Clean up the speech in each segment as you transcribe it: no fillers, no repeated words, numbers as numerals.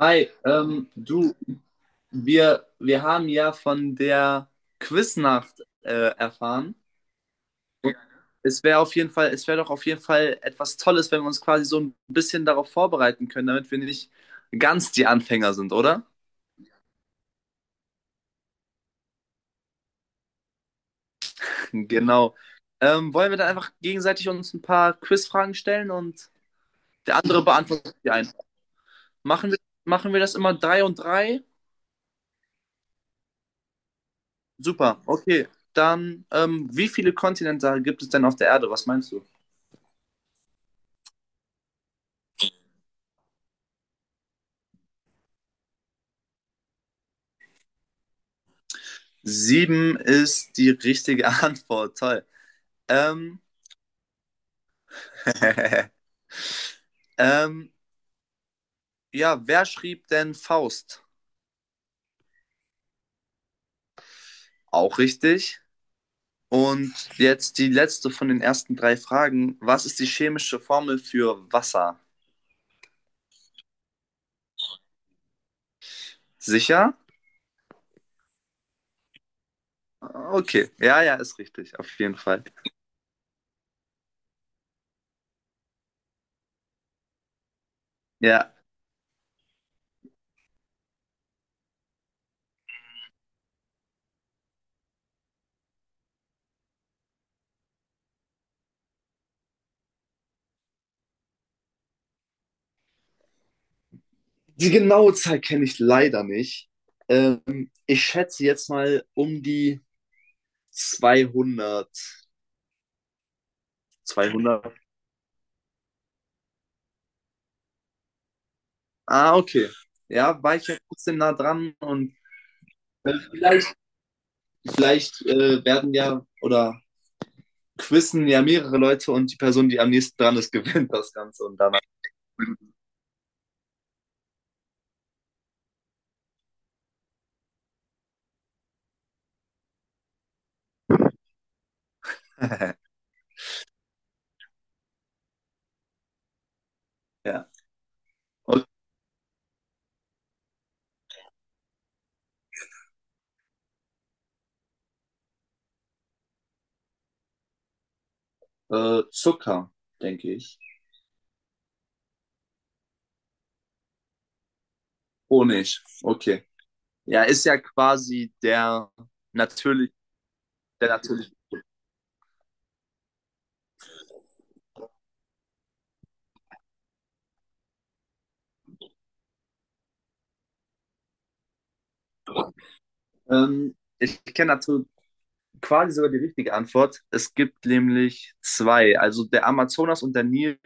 Hi, du, wir haben ja von der Quiznacht erfahren. Es wäre doch auf jeden Fall etwas Tolles, wenn wir uns quasi so ein bisschen darauf vorbereiten können, damit wir nicht ganz die Anfänger sind, oder? Genau. Wollen wir dann einfach gegenseitig uns ein paar Quizfragen stellen und der andere beantwortet die ein. Machen wir, machen wir das immer drei und drei? Super, okay. Dann wie viele Kontinente gibt es denn auf der Erde? Was meinst du? Sieben ist die richtige Antwort. Toll. Ähm, ähm, ja, wer schrieb denn Faust? Auch richtig. Und jetzt die letzte von den ersten drei Fragen. Was ist die chemische Formel für Wasser? Sicher? Okay. Ja, ja, ist richtig. Auf jeden Fall. Ja. Die genaue Zahl kenne ich leider nicht. Ich schätze jetzt mal um die 200. 200. Ah, okay. Ja, war ich ja trotzdem nah dran. Und Vielleicht, vielleicht werden ja oder quizzen ja mehrere Leute, und die Person, die am nächsten dran ist, gewinnt das Ganze und danach. Ja. Und Zucker, denke ich. Honig, okay. Ja, ist ja quasi der natürlich, der natürlich. Ich kenne natürlich quasi sogar die richtige Antwort. Es gibt nämlich zwei, also der Amazonas und der Nil,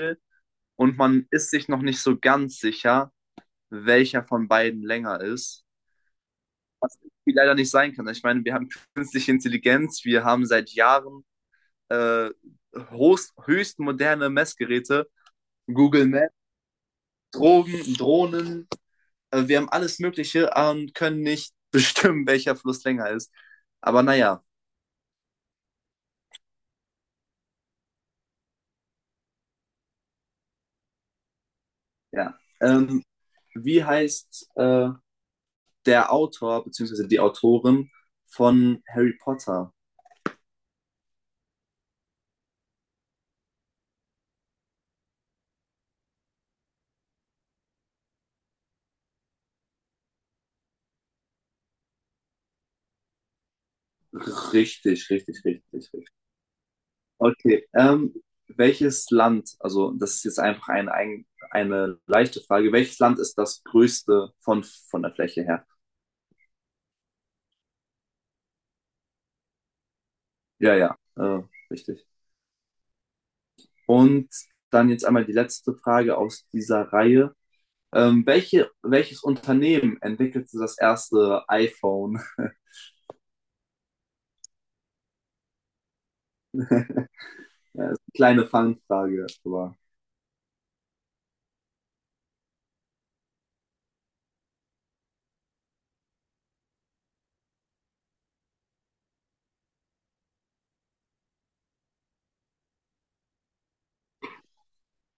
und man ist sich noch nicht so ganz sicher, welcher von beiden länger ist. Wie leider nicht sein kann. Ich meine, wir haben künstliche Intelligenz, wir haben seit Jahren äh, höchst moderne Messgeräte, Google Maps, Drohnen, wir haben alles Mögliche und können nicht bestimmen, welcher Fluss länger ist. Aber naja, ja. Ja. Wie heißt der Autor bzw. die Autorin von Harry Potter? Richtig, richtig, richtig, richtig. Okay. Welches Land, also das ist jetzt einfach ein, eine leichte Frage, welches Land ist das größte von der Fläche her? Ja, ja, richtig. Und dann jetzt einmal die letzte Frage aus dieser Reihe. Welches Unternehmen entwickelte das erste iPhone? Ja, ist eine kleine Fangfrage, aber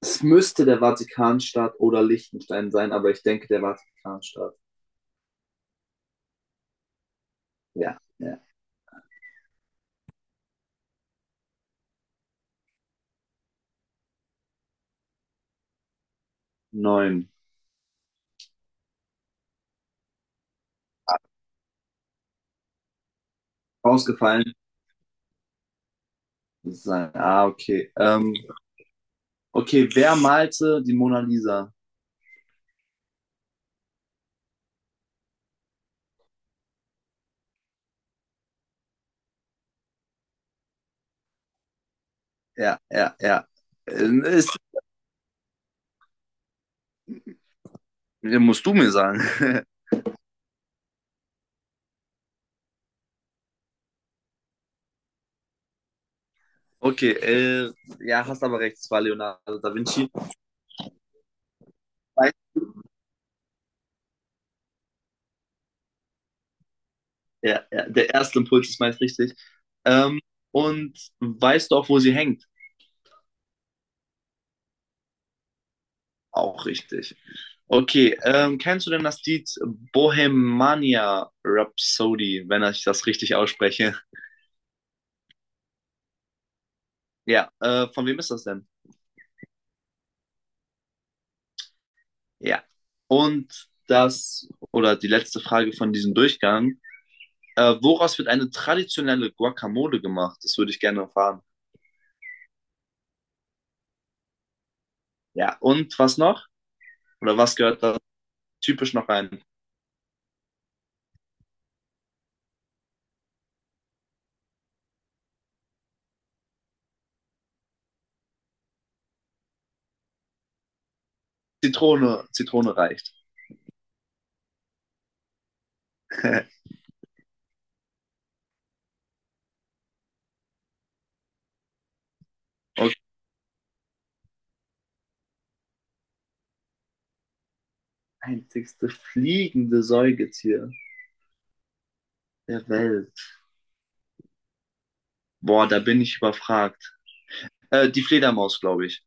es müsste der Vatikanstaat oder Liechtenstein sein, aber ich denke der Vatikanstaat. Ja, ja. Neun. Ausgefallen. Sein. Ah, okay. Okay, wer malte die Mona Lisa? Ja, ja, ja. Ähm, Ist, musst du mir sagen. Okay, ja, hast aber recht, es war Leonardo da Vinci. Ja, ja, der erste Impuls ist meist richtig. Ähm, und weißt du auch, wo sie hängt? Auch richtig. Okay, kennst du denn das Lied Bohemania Rhapsody, wenn ich das richtig ausspreche? Ja, von wem ist das denn? Ja. Und das, oder die letzte Frage von diesem Durchgang. Woraus wird eine traditionelle Guacamole gemacht? Das würde ich gerne erfahren. Ja, und was noch? Oder was gehört da typisch noch rein? Zitrone reicht. Okay. Einzigste fliegende Säugetier der Welt. Boah, da bin ich überfragt. Die Fledermaus, glaube ich.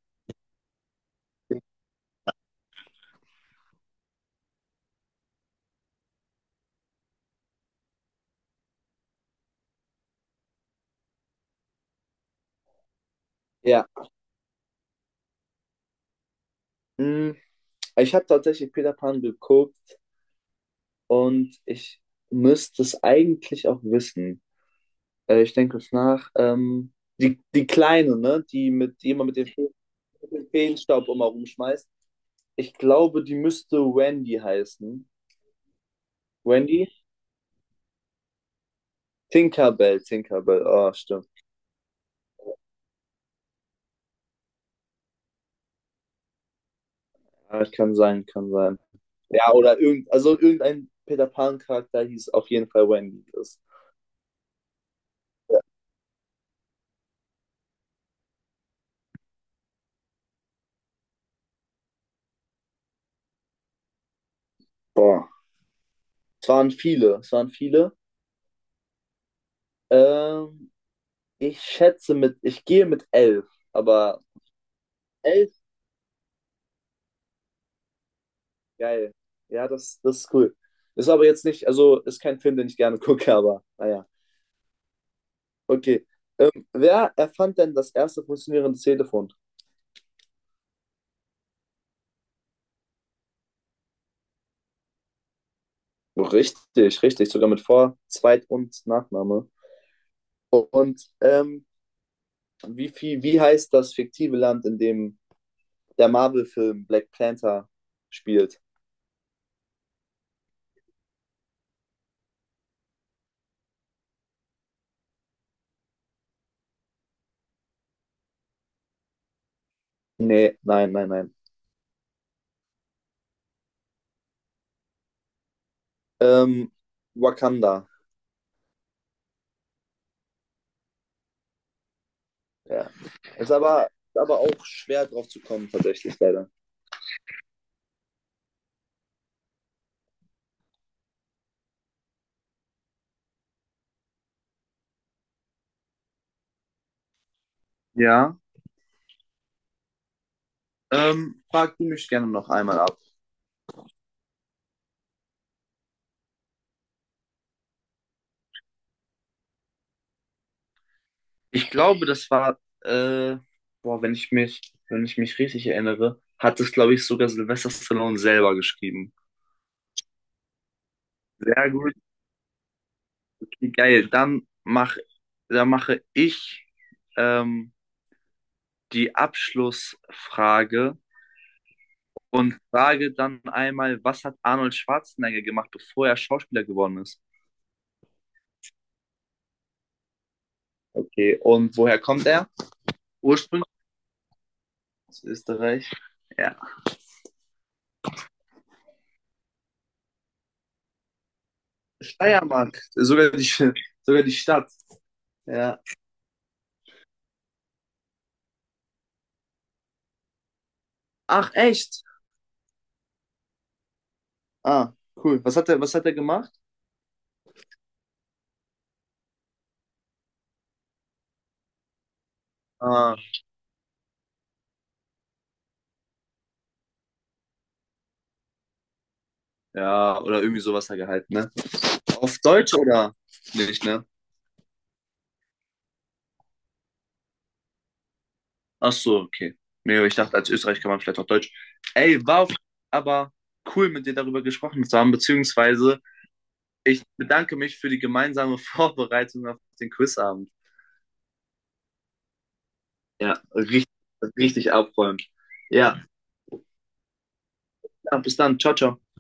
Ja, hm, ich habe tatsächlich Peter Pan geguckt und ich müsste es eigentlich auch wissen. Ich denke kurz nach. Die Kleine, ne? Die immer mit dem mit dem Feenstaub immer rumschmeißt. Ich glaube, die müsste Wendy heißen. Wendy? Tinkerbell. Oh, stimmt. Ja, kann sein, kann sein. Ja, also irgendein Peter Pan-Charakter hieß auf jeden Fall Wendy. Das, boah. Es waren viele. Ähm, ich gehe mit 11, aber 11. Geil. Ja, das ist cool. Ist aber jetzt nicht, also ist kein Film, den ich gerne gucke, aber naja. Okay. Wer erfand denn das erste funktionierende Telefon? Richtig, richtig. Sogar mit Vor-, Zweit- und Nachname. Und wie heißt das fiktive Land, in dem der Marvel-Film Black Panther spielt? Nee, nein, nein, nein. Ähm, Wakanda. Ja. Ist aber auch schwer drauf zu kommen, tatsächlich, leider. Ja. Frag du mich gerne noch einmal ab. Ich glaube, das war, äh, boah, wenn ich mich, wenn ich mich richtig erinnere, hat es, glaube ich, sogar Sylvester Stallone selber geschrieben. Sehr gut, okay, geil. Dann mache ich ähm, die Abschlussfrage und frage dann einmal, was hat Arnold Schwarzenegger gemacht, bevor er Schauspieler geworden ist? Okay, und woher kommt er? Ursprünglich aus Österreich. Ja. Steiermark, sogar die, sogar die Stadt. Ja. Ach, echt? Ah, cool. Was hat er gemacht? Ah, ja, oder irgendwie sowas hat er gehalten, ne? Auf Deutsch oder nicht, ne? Ach so, okay. Nee, ich dachte, als Österreich kann man vielleicht auch Deutsch. Ey, war auf, aber cool, mit dir darüber gesprochen zu haben, beziehungsweise ich bedanke mich für die gemeinsame Vorbereitung auf den Quizabend. Ja, richtig abräumen. Ja, ja, bis dann. Ciao, ciao.